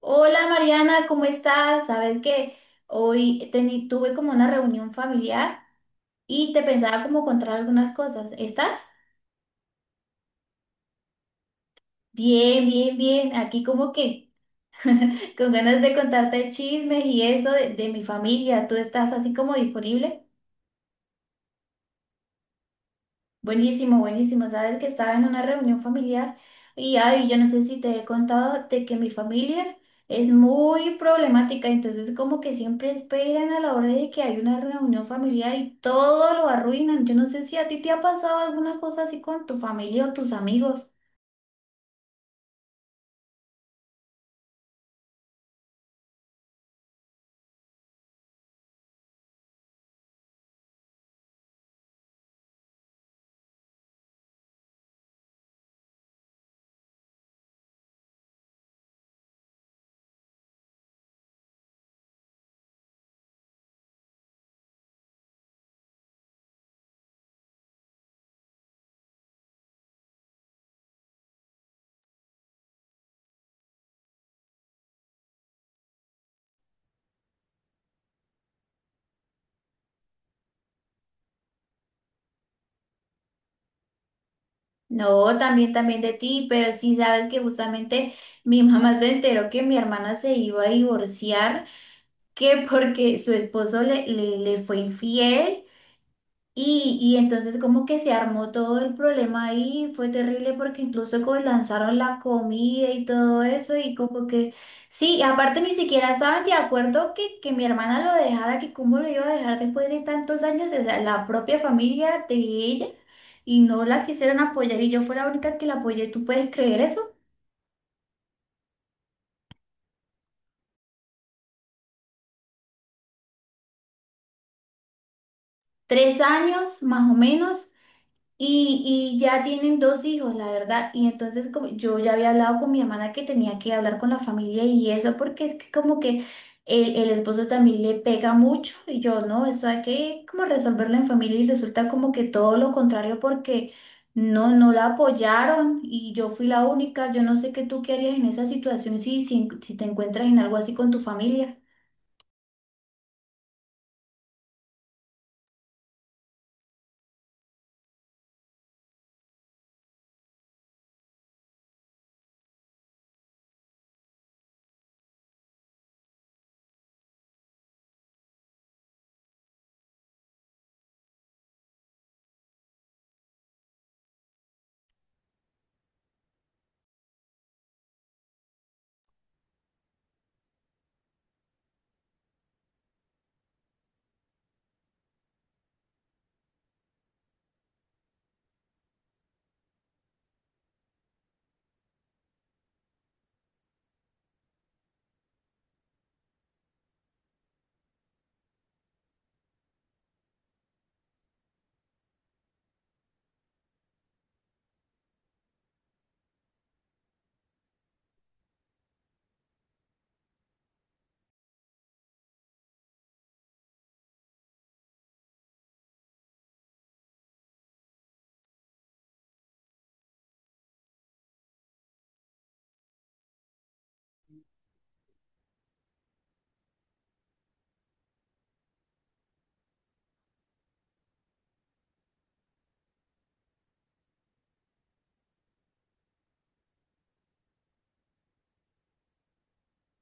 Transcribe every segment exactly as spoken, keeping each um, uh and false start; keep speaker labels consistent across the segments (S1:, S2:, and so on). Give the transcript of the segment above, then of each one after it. S1: Hola Mariana, ¿cómo estás? Sabes que hoy teni- tuve como una reunión familiar y te pensaba como contar algunas cosas. ¿Estás? Bien, bien, bien. Aquí como que con ganas de contarte chismes y eso de, de mi familia. ¿Tú estás así como disponible? Buenísimo, buenísimo. Sabes que estaba en una reunión familiar y ay, yo no sé si te he contado de que mi familia es muy problemática, entonces como que siempre esperan a la hora de que hay una reunión familiar y todo lo arruinan. Yo no sé si a ti te ha pasado alguna cosa así con tu familia o tus amigos. No, también, también de ti, pero sí sabes que justamente mi mamá se enteró que mi hermana se iba a divorciar, que porque su esposo le, le le fue infiel. Y, y entonces como que se armó todo el problema ahí, fue terrible porque incluso como lanzaron la comida y todo eso y como que, sí, y aparte ni siquiera estaban de acuerdo que, que mi hermana lo dejara, que cómo lo iba a dejar después de tantos años, o sea, la propia familia de ella y no la quisieron apoyar y yo fui la única que la apoyé, ¿tú puedes creer eso? Tres años más o menos. Y, y ya tienen dos hijos, la verdad. Y entonces como yo ya había hablado con mi hermana que tenía que hablar con la familia y eso, porque es que como que el, el esposo también le pega mucho y yo, no, eso hay que como resolverlo en familia y resulta como que todo lo contrario porque no, no la apoyaron y yo fui la única. Yo no sé qué tú qué harías en esa situación si, si, si te encuentras en algo así con tu familia.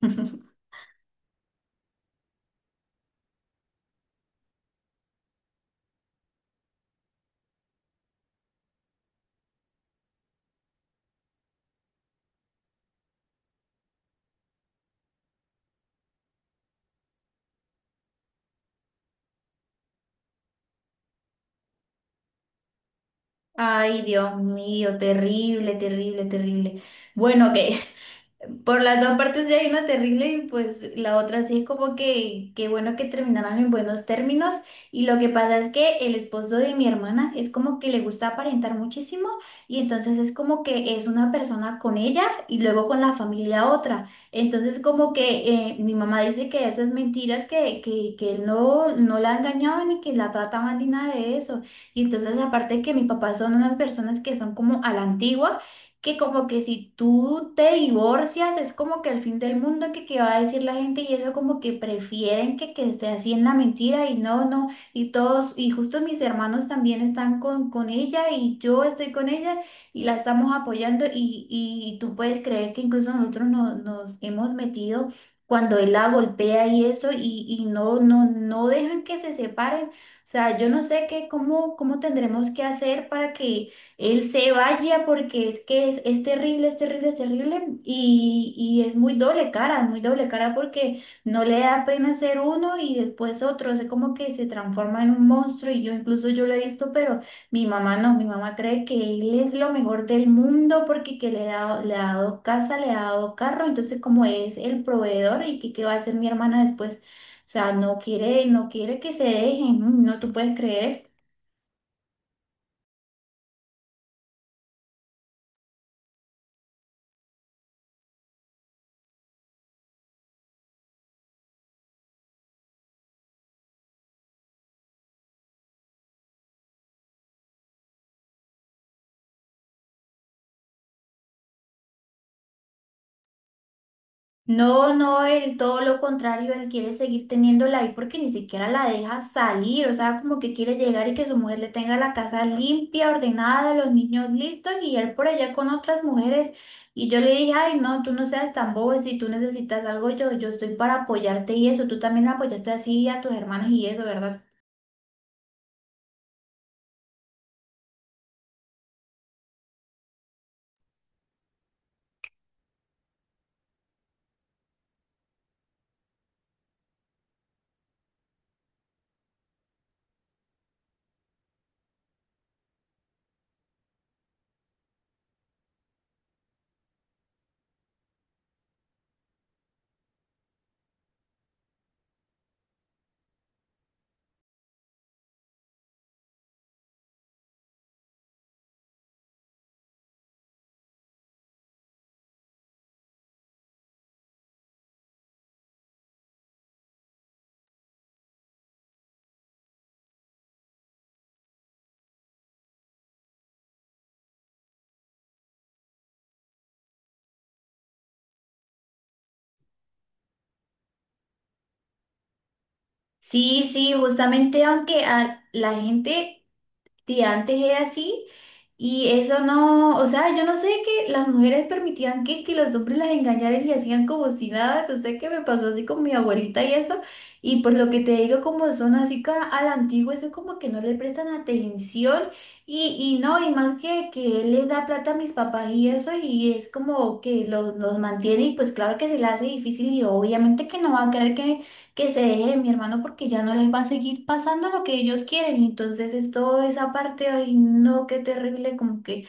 S1: Ay, Dios mío, terrible, terrible, terrible. Bueno, ok, por las dos partes ya hay una terrible y pues la otra sí es como que qué bueno que terminaron en buenos términos y lo que pasa es que el esposo de mi hermana es como que le gusta aparentar muchísimo y entonces es como que es una persona con ella y luego con la familia otra. Entonces como que eh, mi mamá dice que eso es mentiras, que, que, que él no, no la ha engañado ni que la trata mal ni nada de eso. Y entonces aparte que mis papás son unas personas que son como a la antigua que como que si tú te divorcias es como que el fin del mundo que, qué va a decir la gente y eso como que prefieren que, que esté así en la mentira y no, no, y todos, y justo mis hermanos también están con, con ella y yo estoy con ella y la estamos apoyando y, y tú puedes creer que incluso nosotros no- nos hemos metido cuando él la golpea y eso y, y no, no, no dejan que se separen. O sea, yo no sé qué, cómo, cómo tendremos que hacer para que él se vaya porque es que es, es terrible, es terrible, es terrible y, y es muy doble cara, es muy doble cara porque no le da pena ser uno y después otro, es como que se transforma en un monstruo y yo incluso yo lo he visto, pero mi mamá no, mi mamá cree que él es lo mejor del mundo porque que le ha, le ha dado casa, le ha dado carro, entonces como es el proveedor y que qué va a hacer mi hermana después, o sea, no quiere, no quiere que se dejen, no, no, tú puedes creer esto. No, no, él todo lo contrario, él quiere seguir teniéndola ahí porque ni siquiera la deja salir, o sea, como que quiere llegar y que su mujer le tenga la casa limpia, ordenada, los niños listos y él por allá con otras mujeres. Y yo le dije, ay, no, tú no seas tan bobo, si tú necesitas algo, yo, yo estoy para apoyarte y eso, tú también apoyaste así a tus hermanas y eso, ¿verdad? Sí, sí, justamente aunque a la gente sí, antes era así y eso no, o sea, yo no sé que las mujeres permitían que, que los hombres las engañaran y hacían como si nada, no sé qué me pasó así con mi abuelita y eso, y por lo que te digo, como son así ca- a la antigua, eso como que no le prestan atención y, y no, y más que, que él les da plata a mis papás y eso, y es como que los, los mantiene y pues claro que se le hace difícil y obviamente que no va a querer que que se deje de mi hermano porque ya no les va a seguir pasando lo que ellos quieren. Entonces es toda esa parte, ay, no, qué terrible, como que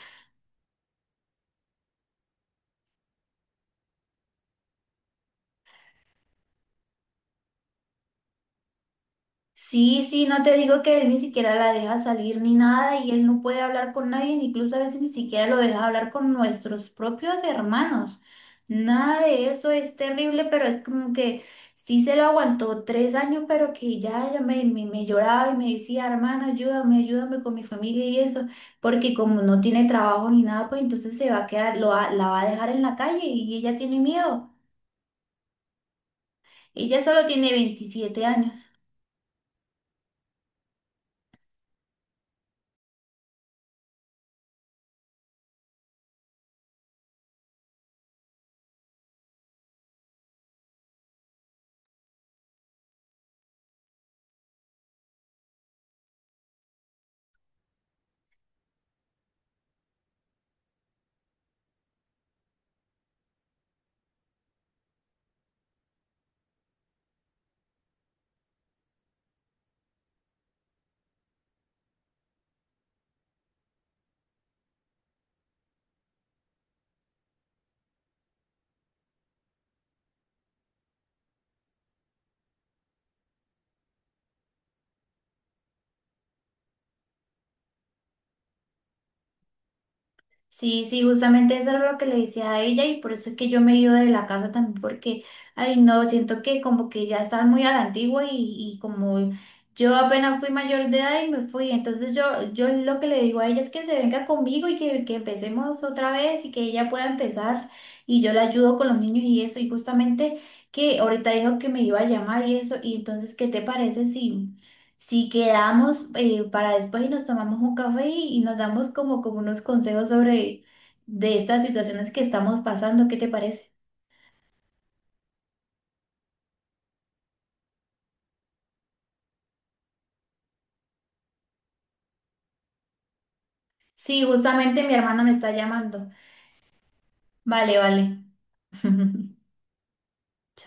S1: sí, sí, no te digo que él ni siquiera la deja salir ni nada y él no puede hablar con nadie, incluso a veces ni siquiera lo deja hablar con nuestros propios hermanos. Nada de eso es terrible, pero es como que sí se lo aguantó tres años, pero que ya, ya me, me, me lloraba y me decía, hermana, ayúdame, ayúdame con mi familia y eso, porque como no tiene trabajo ni nada, pues entonces se va a quedar, lo, va- la va a dejar en la calle y ella tiene miedo. Ella solo tiene veintisiete años. Sí, sí, justamente eso era lo que le decía a ella y por eso es que yo me he ido de la casa también porque, ay no, siento que como que ya estaba muy a la antigua y, y como yo apenas fui mayor de edad y me fui, entonces yo, yo lo que le digo a ella es que se venga conmigo y que, que empecemos otra vez y que ella pueda empezar y yo la ayudo con los niños y eso y justamente que ahorita dijo que me iba a llamar y eso y entonces, ¿qué te parece si... si quedamos eh, para después y nos tomamos un café y, y nos damos como, como unos consejos sobre de estas situaciones que estamos pasando, ¿qué te parece? Sí, justamente mi hermana me está llamando. Vale, vale.